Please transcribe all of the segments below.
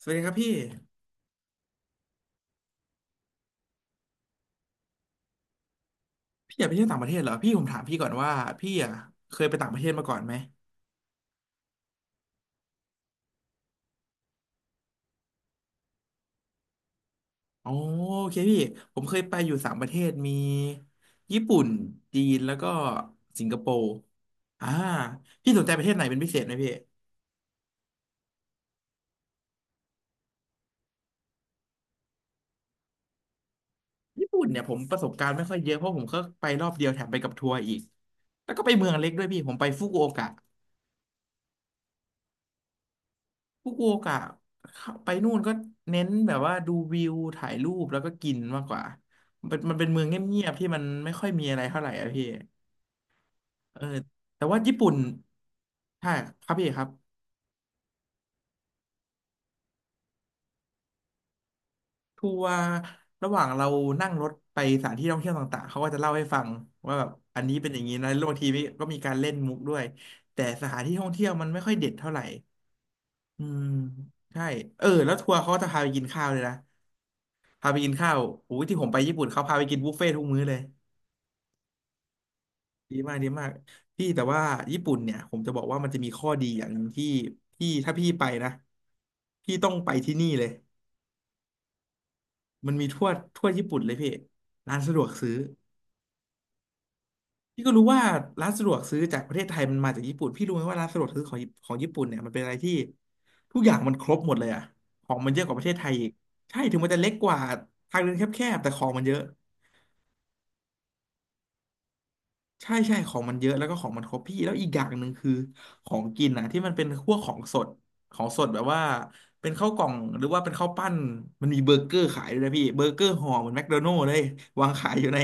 สวัสดีครับพี่พี่อยากไปเที่ยวต่างประเทศเหรอพี่ผมถามพี่ก่อนว่าพี่เคยไปต่างประเทศมาก่อนไหมอ๋อโอเคพี่ผมเคยไปอยู่3 ประเทศมีญี่ปุ่นจีนแล้วก็สิงคโปร์อ่าพี่สนใจประเทศไหนเป็นพิเศษไหมพี่ญี่ปุ่นเนี่ยผมประสบการณ์ไม่ค่อยเยอะเพราะผมก็ไปรอบเดียวแถมไปกับทัวร์อีกแล้วก็ไปเมืองเล็กด้วยพี่ผมไปฟุกุโอกะ ฟุกุโอกะไปนู่นก็เน้นแบบว่าดูวิวถ่ายรูปแล้วก็กินมากกว่ามันเป็นเมืองเงียบๆที่มันไม่ค่อยมีอะไรเท่าไหร่อะพี่เออแต่ว่าญี่ปุ่นใช่ครับพี่ครับทัวร์ระหว่างเรานั่งรถไปสถานที่ท่องเที่ยวต่างๆเขาก็จะเล่าให้ฟังว่าแบบอันนี้เป็นอย่างนี้นะแล้วบางทีก็มีการเล่นมุกด้วยแต่สถานที่ท่องเที่ยวมันไม่ค่อยเด็ดเท่าไหร่อืมใช่เออแล้วทัวร์เขาก็จะพาไปกินข้าวเลยนะพาไปกินข้าวโอ้ยที่ผมไปญี่ปุ่นเขาพาไปกินบุฟเฟ่ทุกมื้อเลย ดีมากดีมากพี่แต่ว่าญี่ปุ่นเนี่ยผมจะบอกว่ามันจะมีข้อดีอย่างหนึ่งที่พี่ถ้าพี่ไปนะพี่ต้องไปที่นี่เลยมันมีทั่วญี่ปุ่นเลยพี่ร้านสะดวกซื้อพี่ก็รู้ว่าร้านสะดวกซื้อจากประเทศไทยมันมาจากญี่ปุ่นพี่รู้ไหมว่าร้านสะดวกซื้อของญี่ปุ่นเนี่ยมันเป็นอะไรที่ทุกอย่างมันครบหมดเลยอะของมันเยอะกว่าประเทศไทยอีกใช่ถึงมันจะเล็กกว่าทางเดินแคบๆแต่ของมันเยอะ ใช่ใช่ของมันเยอะแล้วก็ของมันครบพี่แล้วอีกอย่างหนึ่งคือของกินนะที่มันเป็นพวกของสดของสดแบบว่าเป็นข้าวกล่องหรือว่าเป็นข้าวปั้นมันมีเบอร์เกอร์ขายด้วยนะพี่เบอร์เกอร์ห่อเหมือนแมคโดนัลด์เลยวางขายอยู่ใน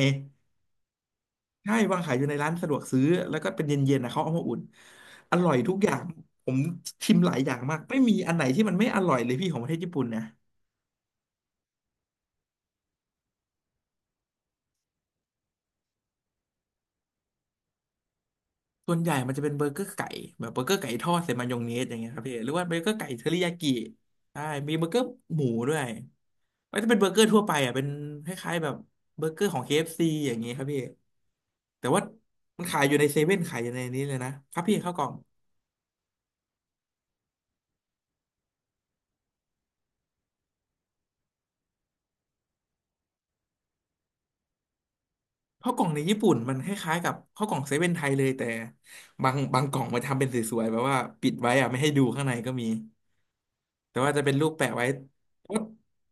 ใช่วางขายอยู่ในร้านสะดวกซื้อแล้วก็เป็นเย็นๆนะเขาเอามาอุ่นอร่อยทุกอย่างผมชิมหลายอย่างมากไม่มีอันไหนที่มันไม่อร่อยเลยพี่ของประเทศญี่ปุ่นนะส่วนใหญ่มันจะเป็นเบอร์เกอร์ไก่แบบเบอร์เกอร์ไก่ทอดใส่มายองเนสอย่างเงี้ยครับพี่หรือว่าเบอร์เกอร์ไก่เทอริยากิใช่มีเบอร์เกอร์หมูด้วย มันจะเป็นเบอร์เกอร์ทั่วไปอ่ะเป็นคล้ายๆแบบเบอร์เกอร์ของ KFC อฟซีอย่างงี้ครับพี่แต่ว่ามันขายอยู่ในเซเว่นขายอยู่ในนี้เลยนะครับพี่ข้าวกล่องข้าวกล่องในญี่ปุ่นมันคล้ายๆกับข้าวกล่องเซเว่นไทยเลยแต่บางกล่องมันทำเป็นสวยๆแบบว่าปิดไว้อ่ะไม่ให้ดูข้างในก็มีแต่ว่าจะเป็นรูปแปะไว้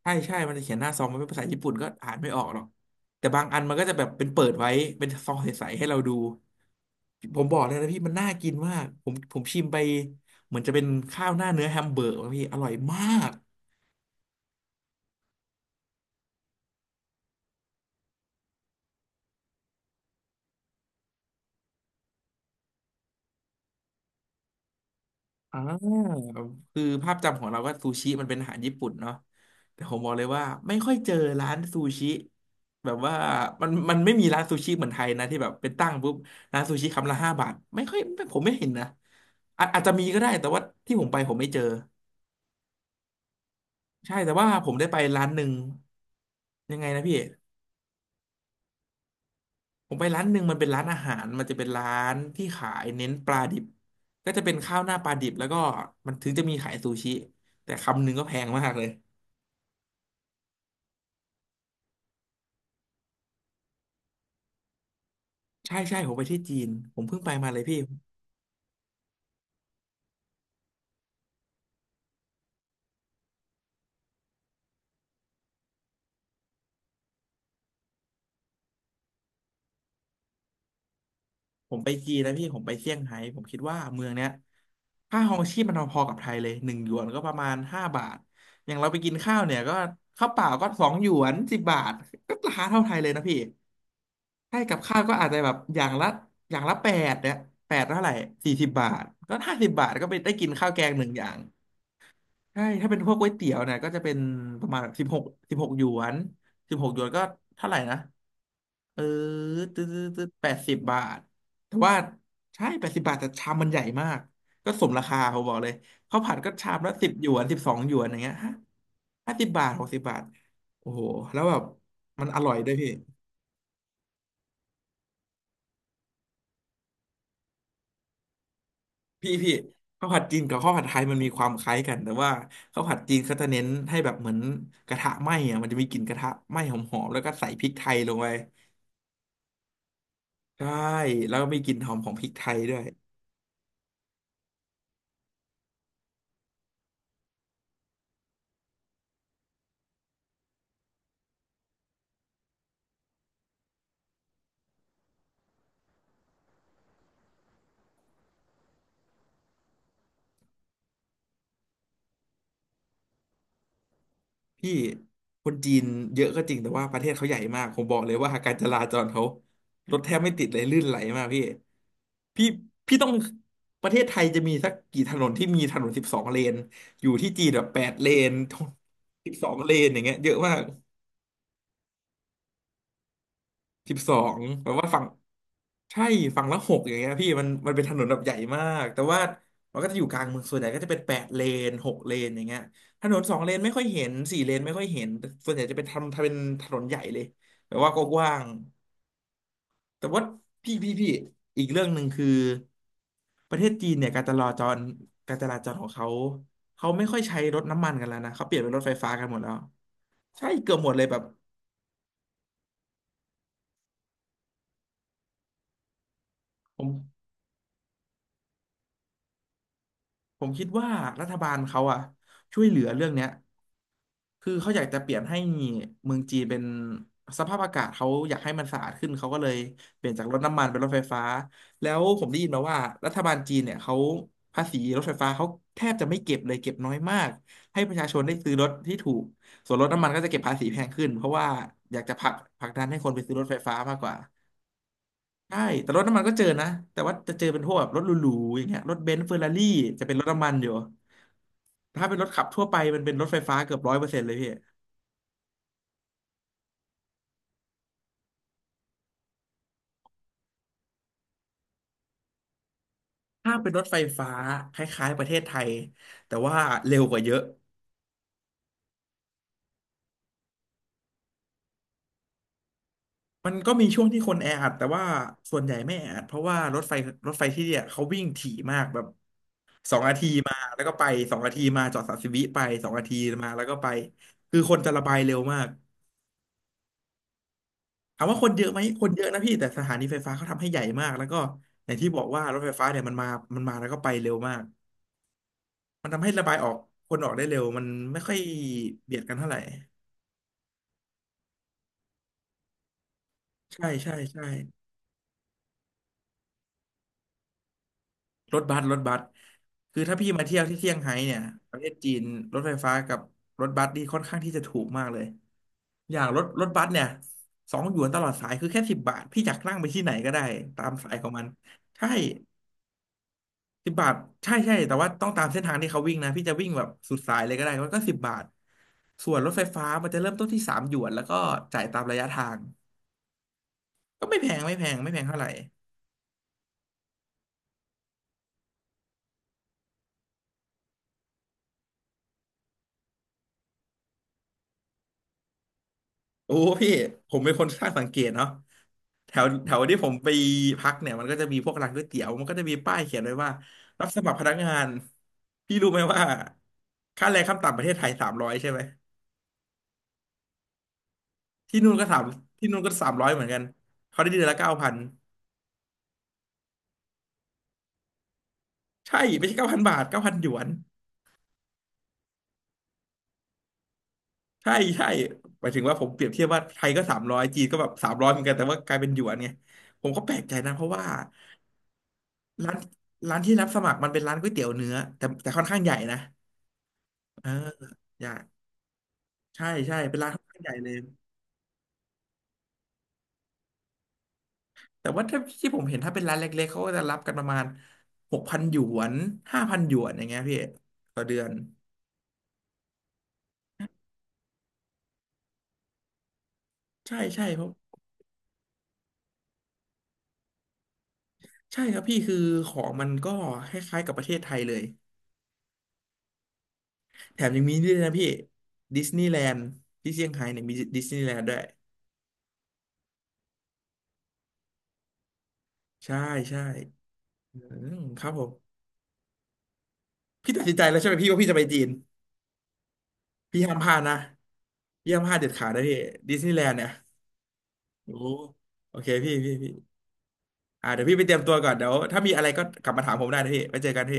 ใช่ใช่มันจะเขียนหน้าซองมันเป็นภาษาญี่ปุ่นก็อ่านไม่ออกหรอกแต่บางอันมันก็จะแบบเป็นเปิดไว้เป็นซองใสๆให้เราดู ผมบอกเลยนะพี่มันน่ากินมากผมชิมไปเหมือนจะเป็นข้าวหน้าเนื้อแฮมเบอร์กนะพี่อร่อยมากอ่าคือภาพจำของเราก็ซูชิมันเป็นอาหารญี่ปุ่นเนาะแต่ผมบอกเลยว่าไม่ค่อยเจอร้านซูชิแบบว่ามันไม่มีร้านซูชิเหมือนไทยนะที่แบบเป็นตั้งปุ๊บร้านซูชิคำละห้าบาทไม่ค่อยไม่ผมไม่เห็นนะอาจจะมีก็ได้แต่ว่าที่ผมไปผมไม่เจอใช่แต่ว่าผมได้ไปร้านหนึ่งยังไงนะพี่ ผมไปร้านหนึ่งมันเป็นร้านอาหารมันจะเป็นร้านที่ขายเน้นปลาดิบก็จะเป็นข้าวหน้าปลาดิบแล้วก็มันถึงจะมีขายซูชิแต่คำหนึ่งก็แพงมากเลยใช่ใช่ผมไปที่จีนผมเพิ่งไปมาเลยพี่ผมไปจีนแล้วพี่ผมไปเซี่ยงไฮ้ผมคิดว่าเมืองเนี้ยค่าครองชีพมันพอๆกับไทยเลย1 หยวนก็ประมาณห้าบาทอย่างเราไปกินข้าวเนี่ยก็ข้าวเปล่าก็2 หยวน10 บาทก็ราคาเท่าไทยเลยนะพี่ ใช่กับข้าวก็อาจจะแบบอย่างละอย่างละแปดเนี่ยแปดเท่าไหร่สี่สิบบาทก็ห้าสิบบาทก็ไปได้กินข้าวแกงหนึ่งอย่างใช่ถ้าเป็นพวกก๋วยเตี๋ยวเนี่ยก็จะเป็นประมาณสิบหกสิบหกหยวนสิบหกหยวนก็เท่าไหร่นะเออตึ๊ดแปดสิบบาทแต่ว่าใช่แปดสิบบาทแต่ชามมันใหญ่มากก็สมราคาผมบอกเลยข้าวผัดก็ชามละสิบหยวนสิบสองหยวนอย่างเงี้ยห้าสิบบาทหกสิบบาทโอ้โหแล้วแบบมันอร่อยด้วยพี่ข้าวผัดจีนกับข้าวผัดไทยมันมีความคล้ายกันแต่ว่าข้าวผัดจีนเขาจะเน้นให้แบบเหมือนกระทะไหม้อะมันจะมีกลิ่นกระทะไหม้หอมๆแล้วก็ใส่พริกไทยลงไปใช่แล้วก็มีกลิ่นหอมของพริกไทยด้วยพี่คนจีนเยอะก็จริงแต่ว่าประเทศเขาใหญ่มากผมบอกเลยว่าการจราจรเขารถแทบไม่ติดเลยลื่นไหลมากพี่พี่พี่ต้องประเทศไทยจะมีสักกี่ถนนที่มีถนนสิบสองเลนอยู่ที่จีนแบบแปดเลน สิบสองเลนอย่างเงี้ยเยอะมาก สิบสองแบบว่าฝั่งใช่ฝั่งละหกอย่างเงี้ยพี่มันเป็นถนนแบบใหญ่มากแต่ว่ามันก็จะอยู่กลางเมืองส่วนใหญ่ก็จะเป็นแปดเลนหกเลนอย่างเงี้ยถนนสองเลนไม่ค่อยเห็นสี่เลนไม่ค่อยเห็นแต่ส่วนใหญ่จะเป็นทำเป็นถนนใหญ่เลยแบบว่ากว้างๆแต่ว่าพี่อีกเรื่องหนึ่งคือประเทศจีนเนี่ยการจราจรของเขาเขาไม่ค่อยใช้รถน้ำมันกันแล้วนะเขาเปลี่ยนเป็นรถไฟฟ้ากันหมดแล้วใช่เกือบหมดเลยแบบผม ผมคิดว่ารัฐบาลเขาอะช่วยเหลือเรื่องเนี้ยคือเขาอยากจะเปลี่ยนให้เมืองจีนเป็นสภาพอากาศเขาอยากให้มันสะอาดขึ้นเขาก็เลยเปลี่ยนจากรถน้ำมันเป็นรถไฟฟ้าแล้วผมได้ยินมาว่ารัฐบาลจีนเนี่ยเขาภาษีรถไฟฟ้าเขาแทบจะไม่เก็บเลยเก็บน้อยมากให้ประชาชนได้ซื้อรถที่ถูกส่วนรถน้ำมันก็จะเก็บภาษีแพงขึ้นเพราะว่าอยากจะผลักดันให้คนไปซื้อรถไฟฟ้ามากกว่าใช่แต่รถน้ำมันก็เจอนะแต่ว่าจะเจอเป็นพวกแบบรถหรูๆอย่างเงี้ยรถเบนซ์เฟอร์รารี่จะเป็นรถน้ำมันอยู่ ถ้าเป็นรถขับทั่วไปมันเป็นรถไฟฟ้าเกือบร้อยเปอร์เซ็นต์เลยพี่ถ้าเป็นรถไฟฟ้าคล้ายๆประเทศไทยแต่ว่าเร็วกว่าเยอะมันก็มีช่วงที่คนแออัดแต่ว่าส่วนใหญ่ไม่แออัดเพราะว่ารถไฟที่เนี่ยเขาวิ่งถี่มากแบบสองนาทีมาแล้วก็ไปสองนาทีมาจอดสามสิบวิไปสองนาทีมาแล้วก็ไปคือคนจะระบายเร็วมากถามว่าคนเยอะไหมคนเยอะนะพี่แต่สถานีไฟฟ้าเขาทำให้ใหญ่มากแล้วก็อย่างที่บอกว่ารถไฟฟ้าเนี่ยมันมาแล้วก็ไปเร็วมาก มันทำให้ระบายออกคนออกได้เร็วมันไม่ค่อยเบียดกันเท่าไหร่ใช่ใช่ใช่รถบัสคือถ้าพี่มาเที่ยวที่เซี่ยงไฮ้เนี่ยประเทศจีนรถไฟฟ้ากับรถบัสนี่ค่อนข้างที่จะถูกมากเลยอย่างรถบัสเนี่ยสองหยวนตลอดสายคือแค่สิบบาทพี่อยากนั่งไปที่ไหนก็ได้ตามสายของมันใช่สิบบาทใช่ใช่แต่ว่าต้องตามเส้นทางที่เขาวิ่งนะพี่จะวิ่งแบบสุดสายเลยก็ได้มันก็สิบบาทส่วนรถไฟฟ้ามันจะเริ่มต้นที่สามหยวนแล้วก็จ่ายตามระยะทางก็ไม่แพงไม่แพงไม่แพงเท่าไหร่ โอ้พี่ผมเป็นคนช่างสังเกตเนาะแถวแถวที่ผมไปพักเนี่ยมันก็จะมีพวกร้านก๋วยเตี๋ยวมันก็จะมีป้ายเขียนไว้ว่ารับสมัครพนักงานพี่รู้ไหมว่าค่าแรงขั้นต่ำประเทศไทยสามร้อยใช่ไหมที่นู่นก็สามที่นู่นก็สามร้อยเหมือนกันเขาได้เดือนละเก้าพันใช่ไม่ใช่เก้าพันบาทเก้าพันหยวนใช่ใช่หมายถึงว่าผมเปรียบเทียบว่าไทยก็สามร้อยจีนก็แบบสามร้อยเหมือนกันแต่ว่ากลายเป็นหยวนไงผมก็แปลกใจนะเพราะว่าร้านร้านที่รับสมัครมันเป็นร้านก๋วยเตี๋ยวเนื้อแต่แต่ค่อนข้างใหญ่นะ เออใหญ่ใช่ใช่ เป็นร้านค่อนข้างใหญ่เลย แต่ว่าถ้าที่ผมเห็นถ้าเป็นร้านเล็กๆ เขาก็จะรับกันประมาณหกพันหยวนห้าพันหยวนอย่างเงี้ยพี่ต่อเดือนใช่ใช่เพราะใช่ครับพี่คือของมันก็คล้ายๆกับประเทศไทยเลยแถมยังมีนี่ด้วยนะพี่ดิสนีย์แลนด์ที่เซี่ยงไฮ้เนี่ยมีดิสนีย์แลนด์ด้วยใช่ใช่อืมครับผมพี่ตัดสินใจแล้วใช่ไหมพี่ว่าพี่จะไปจีนพี่ห้ามพลาดนะพี่ห้ามพลาดเด็ดขาดนะพี่ดิสนีย์แลนด์เนี่ยโอ้โหโอเคพี่ อ่าเดี๋ยวพี่ไปเตรียมตัวก่อนเดี๋ยวถ้ามีอะไรก็กลับมาถามผมได้นะพี่ไปเจอกันพี่